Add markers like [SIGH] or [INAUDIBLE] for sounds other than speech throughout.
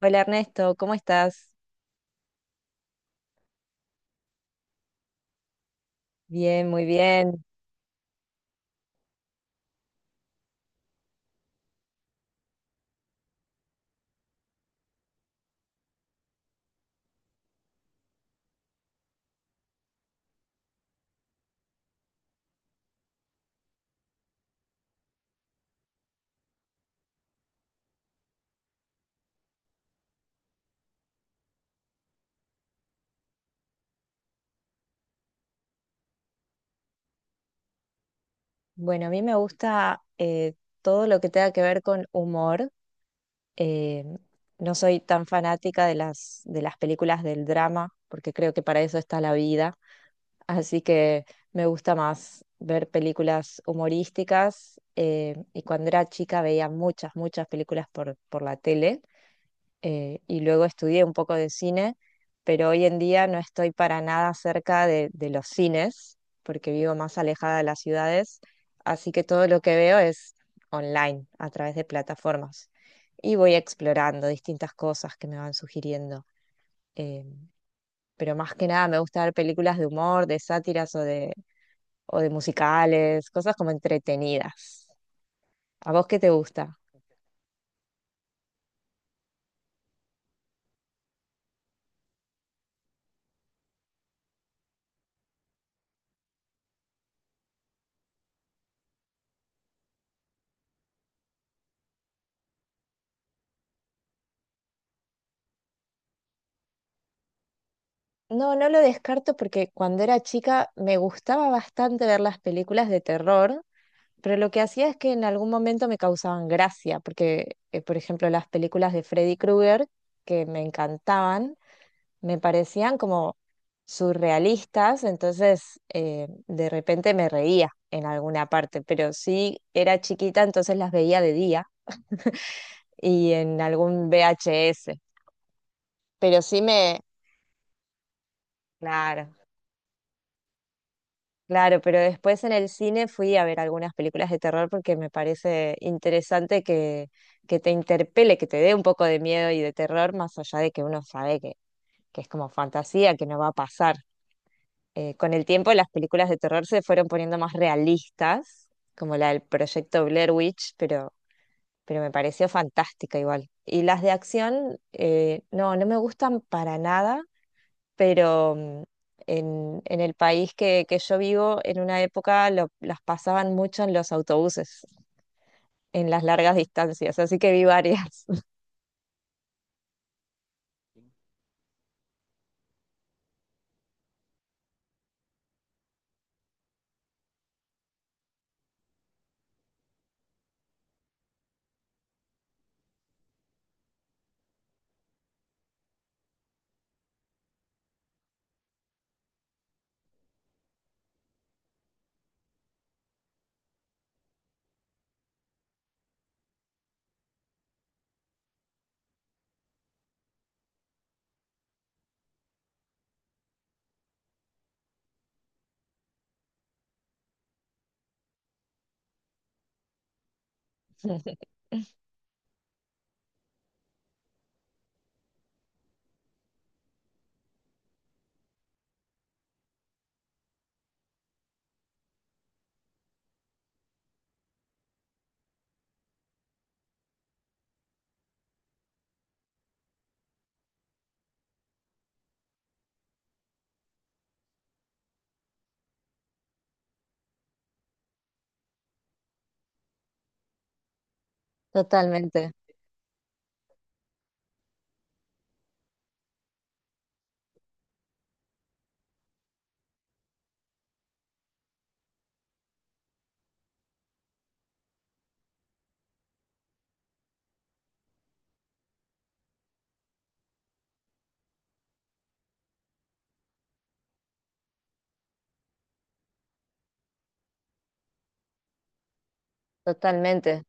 Hola Ernesto, ¿cómo estás? Bien, muy bien. Bueno, a mí me gusta todo lo que tenga que ver con humor. Eh, no soy tan fanática de las películas del drama, porque creo que para eso está la vida. Así que me gusta más ver películas humorísticas. Y cuando era chica veía muchas películas por la tele. Y luego estudié un poco de cine, pero hoy en día no estoy para nada cerca de los cines, porque vivo más alejada de las ciudades, así que todo lo que veo es online, a través de plataformas. Y voy explorando distintas cosas que me van sugiriendo. eh, pero más que nada me gusta ver películas de humor, de sátiras o de musicales, cosas como entretenidas. ¿A vos qué te gusta? No, no lo descarto porque cuando era chica me gustaba bastante ver las películas de terror, pero lo que hacía es que en algún momento me causaban gracia, porque, por ejemplo, las películas de Freddy Krueger, que me encantaban, me parecían como surrealistas, entonces de repente me reía en alguna parte, pero sí era chiquita, entonces las veía de día y en algún VHS, pero sí me... Claro. Claro, pero después en el cine fui a ver algunas películas de terror porque me parece interesante que te interpele, que te dé un poco de miedo y de terror, más allá de que uno sabe que es como fantasía, que no va a pasar. Con el tiempo las películas de terror se fueron poniendo más realistas, como la del proyecto Blair Witch, pero me pareció fantástica igual. Y las de acción, no, no me gustan para nada pero en el país que yo vivo, en una época lo- las pasaban mucho en los autobuses, en las largas distancias, así que vi varias. [LAUGHS] Totalmente, totalmente.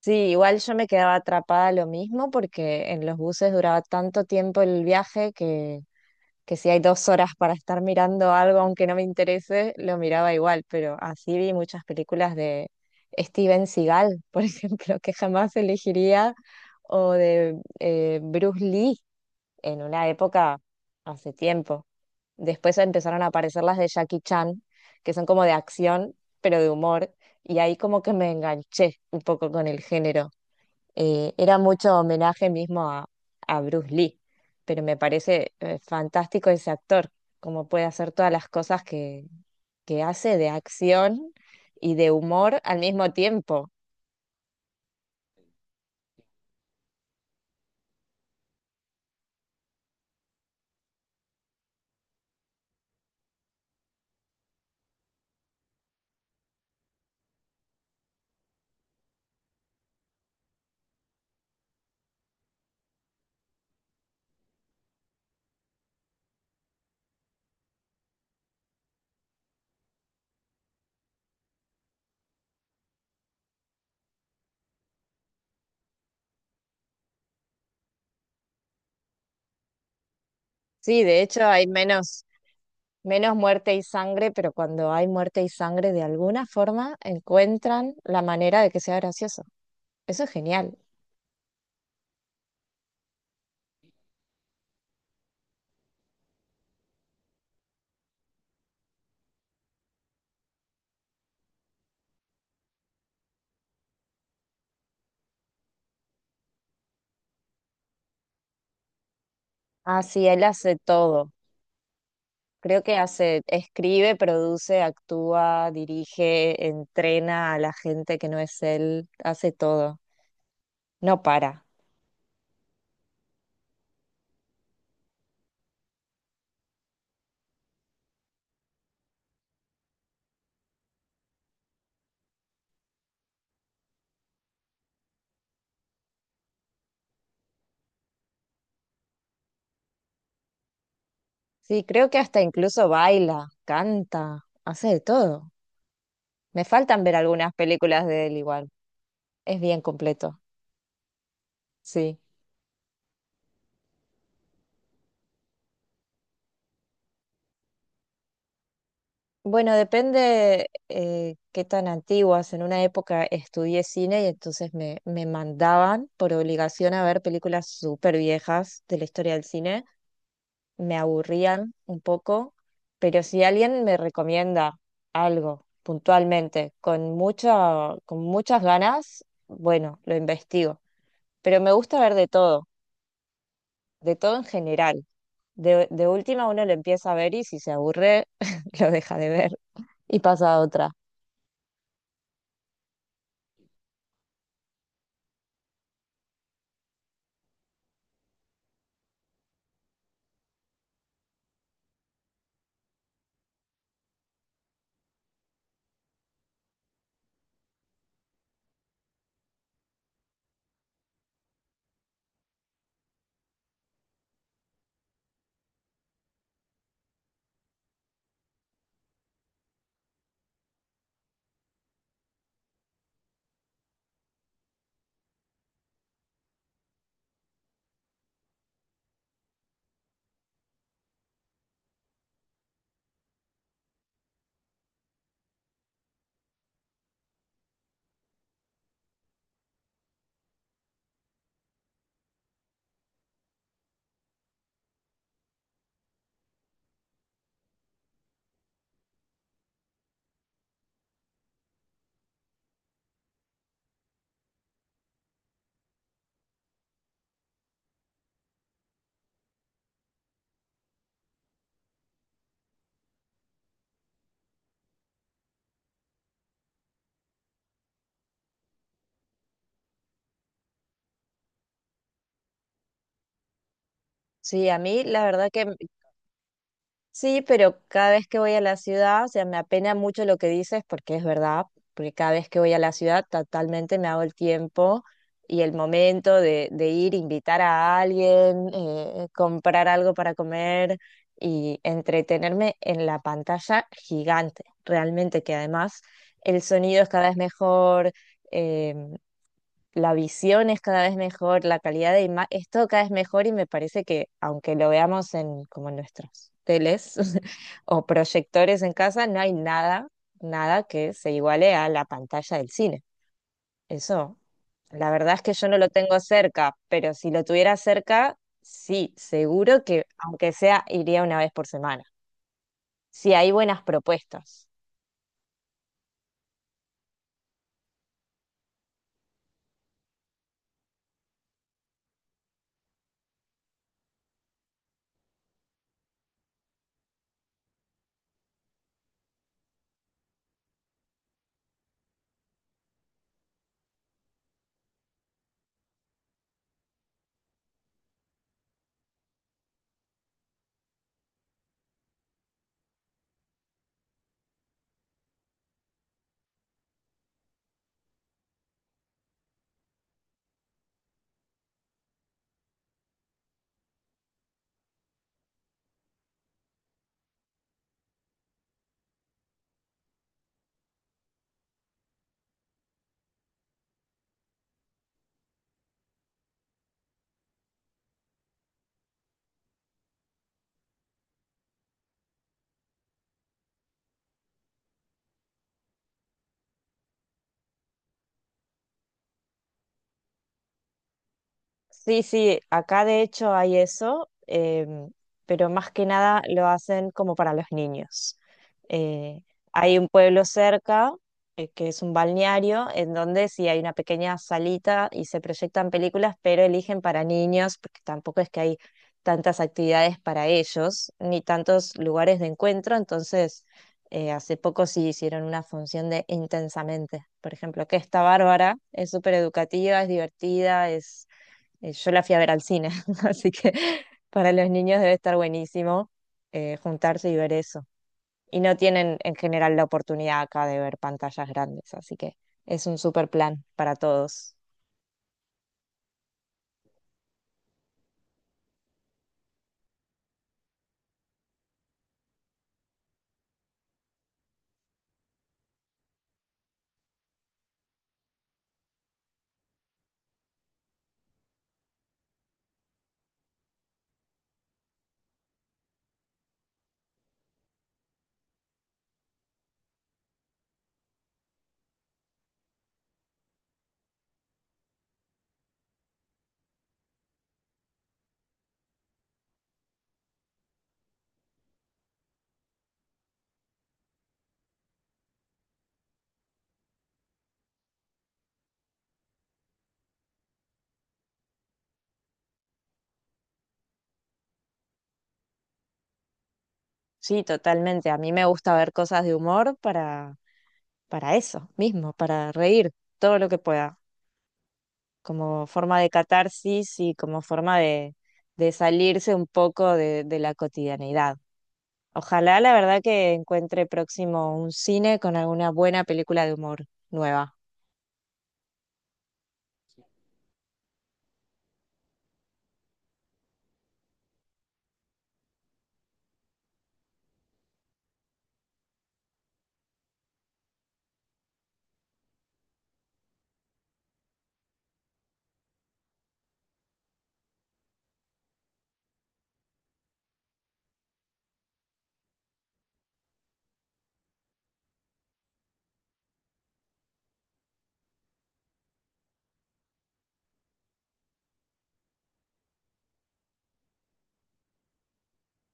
Sí, igual yo me quedaba atrapada lo mismo porque en los buses duraba tanto tiempo el viaje que si hay dos horas para estar mirando algo aunque no me interese, lo miraba igual, pero así vi muchas películas de Steven Seagal, por [LAUGHS] ejemplo, que jamás elegiría, o de Bruce Lee en una época hace tiempo. Después empezaron a aparecer las de Jackie Chan, que son como de acción, pero de humor, y ahí como que me enganché un poco con el género era mucho homenaje mismo a Bruce Lee, pero me parece fantástico ese actor, cómo puede hacer todas las cosas que hace de acción y de humor al mismo tiempo. Sí, de hecho hay menos muerte y sangre, pero cuando hay muerte y sangre, de alguna forma encuentran la manera de que sea gracioso. Eso es genial. Ah, sí, él hace todo. Creo que hace, escribe, produce, actúa, dirige, entrena a la gente que no es él, hace todo, no para. Sí, creo que hasta incluso baila, canta, hace de todo. Me faltan ver algunas películas de él igual, es bien completo, sí. Bueno, depende qué tan antiguas. En una época estudié cine y entonces me mandaban por obligación a ver películas súper viejas de la historia del cine me aburrían un poco, pero si alguien me recomienda algo puntualmente, con con muchas ganas, bueno, lo investigo. Pero me gusta ver de todo en general. De última uno lo empieza a ver y si se aburre, [LAUGHS] lo deja de ver y pasa a otra. Sí, a mí la verdad que, sí, pero cada vez que voy a la ciudad, o sea, me apena mucho lo que dices porque es verdad, porque cada vez que voy a la ciudad totalmente me hago el tiempo y el momento de ir, invitar a alguien, comprar algo para comer y entretenerme en la pantalla gigante, realmente que además el sonido es cada vez mejor, em, la visión es cada vez mejor, la calidad de imagen es todo cada vez mejor y me parece que aunque lo veamos en como en nuestros teles [LAUGHS] o proyectores en casa, no hay nada, nada que se iguale a la pantalla del cine. Eso, la verdad es que yo no lo tengo cerca, pero si lo tuviera cerca, sí, seguro que aunque sea iría una vez por semana. Si hay buenas propuestas. Sí, sí, acá de hecho hay eso, pero más que nada lo hacen como para los niños. Eh, Hay un pueblo cerca, que es un balneario, en donde sí hay una pequeña salita y se proyectan películas, pero eligen para niños, porque tampoco es que hay tantas actividades para ellos, ni tantos lugares de encuentro. Entonces, hace poco sí hicieron una función de Intensamente, por ejemplo, que está bárbara, es súper educativa, es divertida, es yo la fui a ver al cine, [LAUGHS] así que para los niños debe estar buenísimo juntarse y ver eso. Y no tienen en general la oportunidad acá de ver pantallas grandes, así que es un super plan para todos. Sí, totalmente. A mí me gusta ver cosas de humor para eso mismo, para reír todo lo que pueda, como forma de catarsis y como forma de salirse un poco de la cotidianidad. Ojalá la verdad que encuentre próximo un cine con alguna buena película de humor nueva.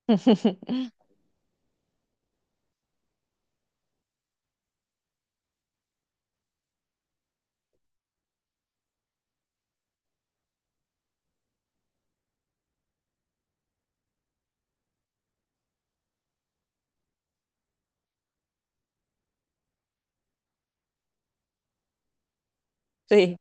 [LAUGHS] Sí,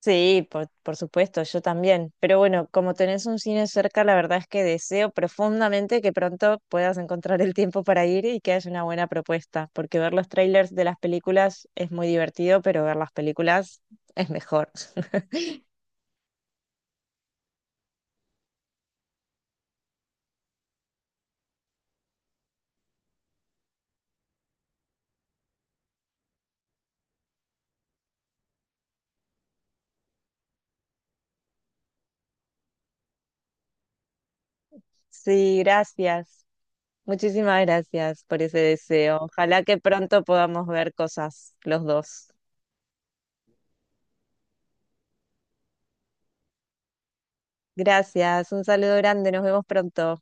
sí, por supuesto, yo también. Pero bueno, como tenés un cine cerca, la verdad es que deseo profundamente que pronto puedas encontrar el tiempo para ir y que haya una buena propuesta, porque ver los trailers de las películas es muy divertido, pero ver las películas es mejor. [LAUGHS] Sí, gracias. Muchísimas gracias por ese deseo. Ojalá que pronto podamos ver cosas los dos. Gracias, un saludo grande, nos vemos pronto.